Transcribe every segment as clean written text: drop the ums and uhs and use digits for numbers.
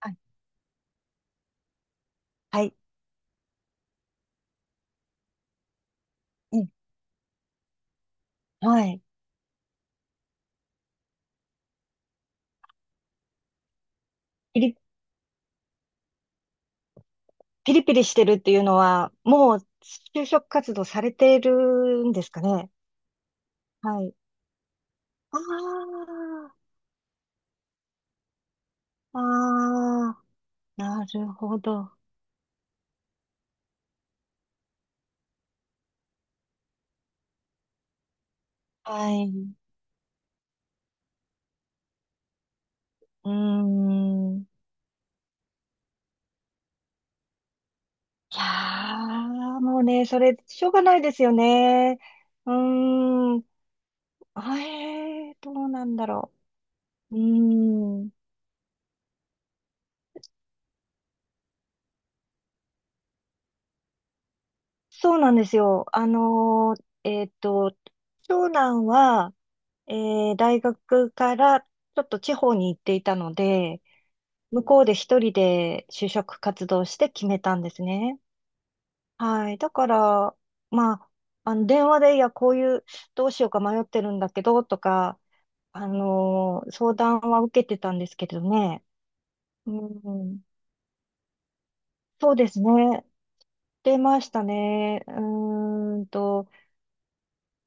はい。はい。うん。はい。ピリ、ピリピリしてるっていうのは、もう就職活動されてるんですかね。はい。ああ、ああ、なるほど。はい。うーん。いやもうね、それ、しょうがないですよね。うーん。どうなんだろう。うーん。そうなんですよ。長男は、え大学からちょっと地方に行っていたので、向こうで一人で就職活動して決めたんですね。はい。だから、まあ、あの、電話で、いや、こういう、どうしようか迷ってるんだけど、とか、相談は受けてたんですけどね。うん、そうですね。出ましたね。うーんと、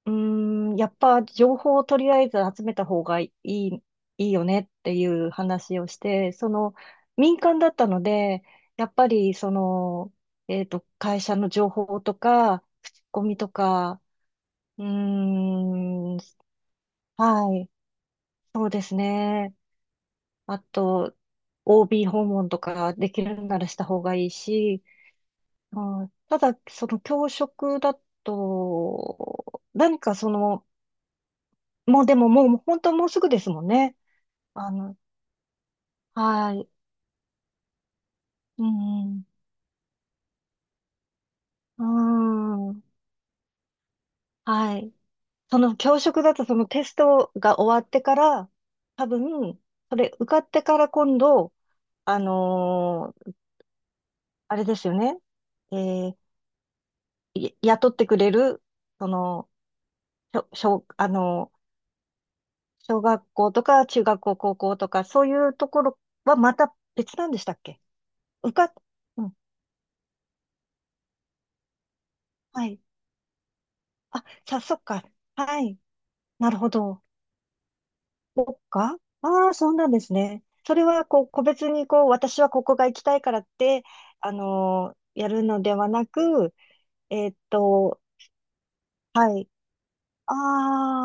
うーん、やっぱ情報をとりあえず集めた方がいいよねっていう話をして、その民間だったので、やっぱりその、会社の情報とか、口コミとか、うーん、はい、そうですね。あと、OB 訪問とかできるならした方がいいし、うん、ただ、その教職だと、何かその、もうでももう、本当もうすぐですもんね。あの、はい。うん。うーん。はい。その教職だとそのテストが終わってから、多分、それ受かってから今度、あのーあれですよね。えーい雇ってくれる、その、小、小あのー小学校とか中学校、高校とか、そういうところはまた別なんでしたっけ？受かっ、うん。はい。あ、さ、そっか。はい。なるほど。そっか。ああ、そうなんですね。それは、こう、個別に、こう、私はここが行きたいからって、やるのではなく、えーっと、はい。あ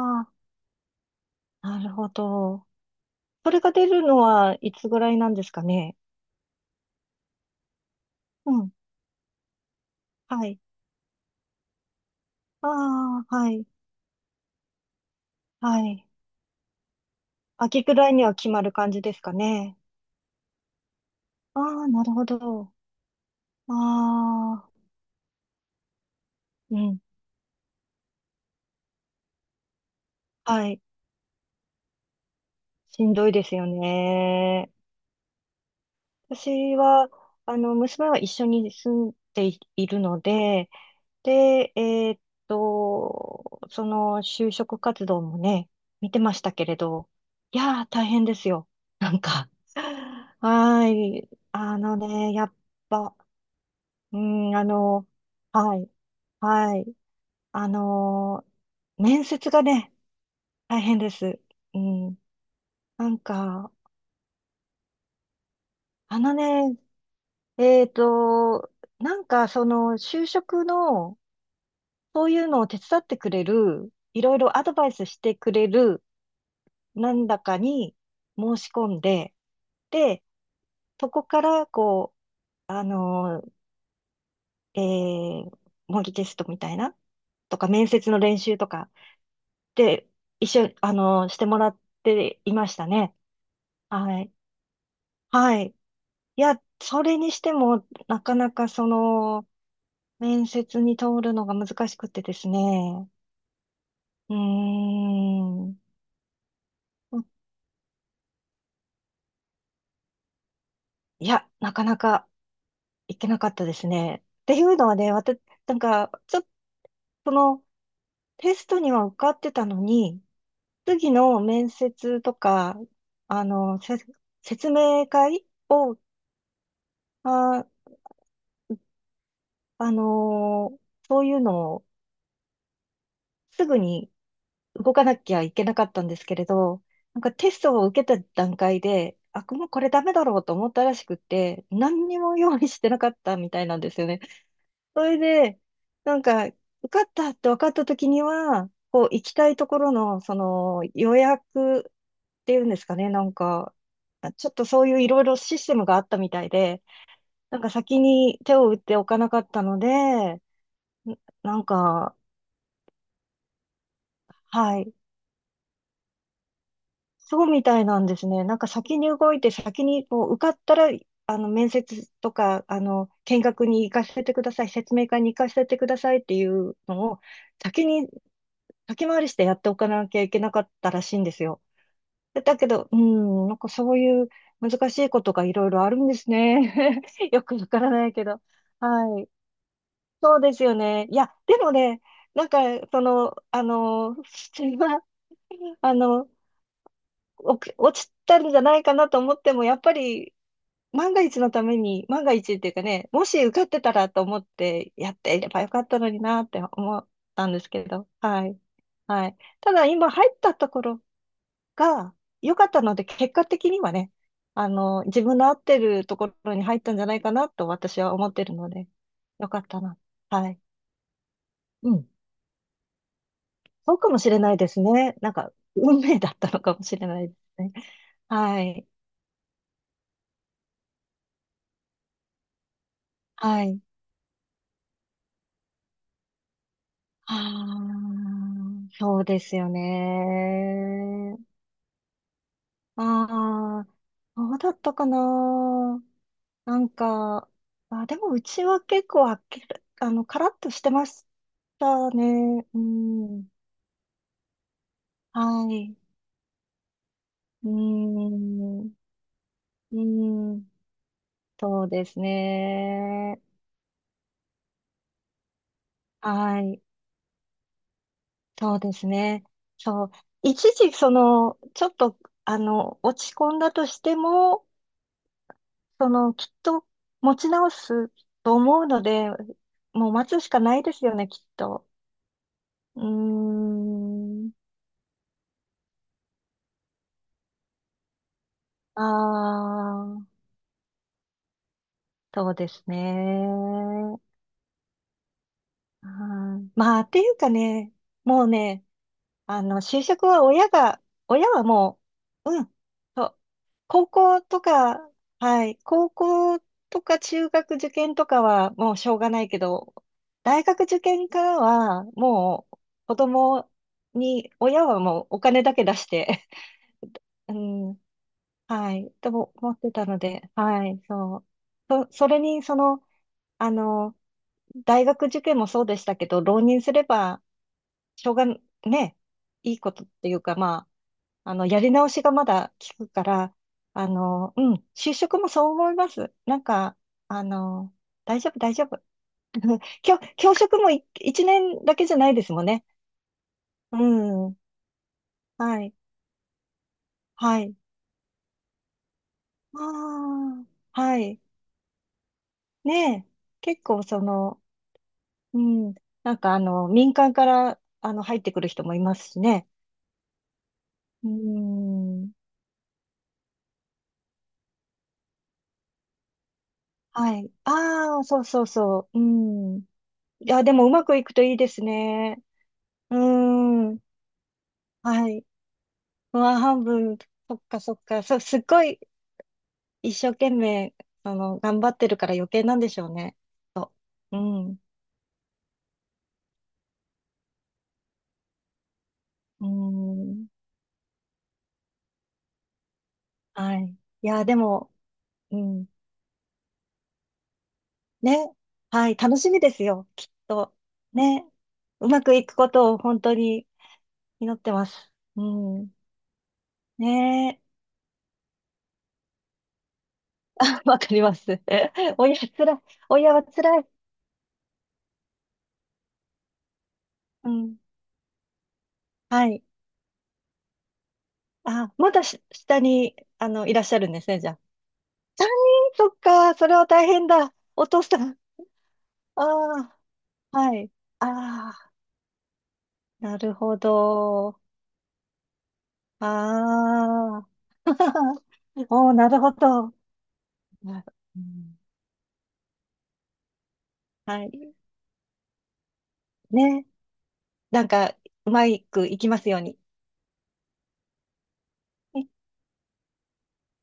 あ、なるほど。それが出るのはいつぐらいなんですかね。うん。はい。ああ、はい。はい。秋ぐらいには決まる感じですかね。ああ、なるほど。ああ、うん。はい。しんどいですよね。私は、あの、娘は一緒に住んでいるので、で、その就職活動もね、見てましたけれど、いやー、大変ですよ。なんか、はーい。あのね、やっぱ、うん、あの、はい、はい。あの面接がね、大変です。うん、なんか、あのね、えーっと、なんか、その、就職の、そういうのを手伝ってくれる、いろいろアドバイスしてくれる、なんだかに申し込んで、で、そこから、こう、ー、えー、模擬テストみたいな、とか、面接の練習とか、で、一緒に、してもらっていましたね。はい。はい。いや、それにしても、なかなかその、面接に通るのが難しくてですね。うーん。いや、なかなかいけなかったですね。っていうのはね、私、なんか、ちょっとそのテストには受かってたのに、次の面接とか、あの、せ説明会を、あ、あのーそういうのをすぐに動かなきゃいけなかったんですけれど、なんかテストを受けた段階で、あ、もうこれダメだろうと思ったらしくって、何にも用意してなかったみたいなんですよね。それで、なんか、受かったって分かった時には、こう、行きたいところの、その、予約っていうんですかね、なんか、ちょっとそういういろいろシステムがあったみたいで、なんか先に手を打っておかなかったので、んなんか、はい、そうみたいなんですね。なんか先に動いて、先にこう受かったら、あの、面接とか、あの、見学に行かせてください、説明会に行かせてくださいっていうのを、先に先回りしてやっておかなきゃいけなかったらしいんですよ。でだけど、うん、なんかそういう難しいことがいろいろあるんですね。よくわからないけど。はい。そうですよね。いや、でもね、なんか、その、あの、普通は、あの、お落ちたんじゃないかなと思っても、やっぱり、万が一のために、万が一っていうかね、もし受かってたらと思ってやっていればよかったのになって思ったんですけど、はい。はい。ただ今入ったところが良かったので、結果的にはね、あの、自分の合ってるところに入ったんじゃないかなと私は思ってるので、良かったな。はい。うん。そうかもしれないですね。なんか、運命だったのかもしれないですね。はい。はい。ああ、そうですよね。ああ、そうだったかな。なんか、あ、でもうちは結構あっけ、あの、カラッとしてましたね。うん。はい。うーん。うーん。そうですね。はい。そうですね。そう。一時、その、ちょっと、あの、落ち込んだとしても、その、きっと持ち直すと思うので、もう待つしかないですよね、きっと。うーん。ああ、そうですね。はい、まあ、っていうかね、もうね、あの、就職は親が、親はもう、うん、そう。高校とか、はい、高校とか中学受験とかはもうしょうがないけど、大学受験からはもう子供に、親はもうお金だけ出して、うん、はい、とも思ってたので、はい、そう。それに、その、あの、大学受験もそうでしたけど、浪人すれば、しょうが、ね、いいことっていうか、まあ、あの、やり直しがまだ効くから、あの、うん、就職もそう思います。なんか、あの、大丈夫、大丈夫。教職も一年だけじゃないですもんね。うん。はい。はい。ああ、はい。ねえ。結構その、うん。なんか、あの、民間から、あの、入ってくる人もいますしね。うん。はい。ああ、そうそうそう。うん。いや、でもうまくいくといいですね。うん。はい。ワ半分、そっかそっか、すっごい一生懸命、あの、頑張ってるから余計なんでしょうね。そう。うん。うん。はい。いや、でも、うん。ね。はい。楽しみですよ。きっと。ね。うまくいくことを本当に祈ってます。うん。ねえ。わかります。親辛い。親は辛い。うん。はい。あ、まだ下に、あの、いらっしゃるんですね、じゃあ。3人、そっか、それは大変だ。お父さん。ああ、はい。ああ、なるほど。ああ。おー、なるほど。なうん、はい。ね。なんか、うまくいきますように。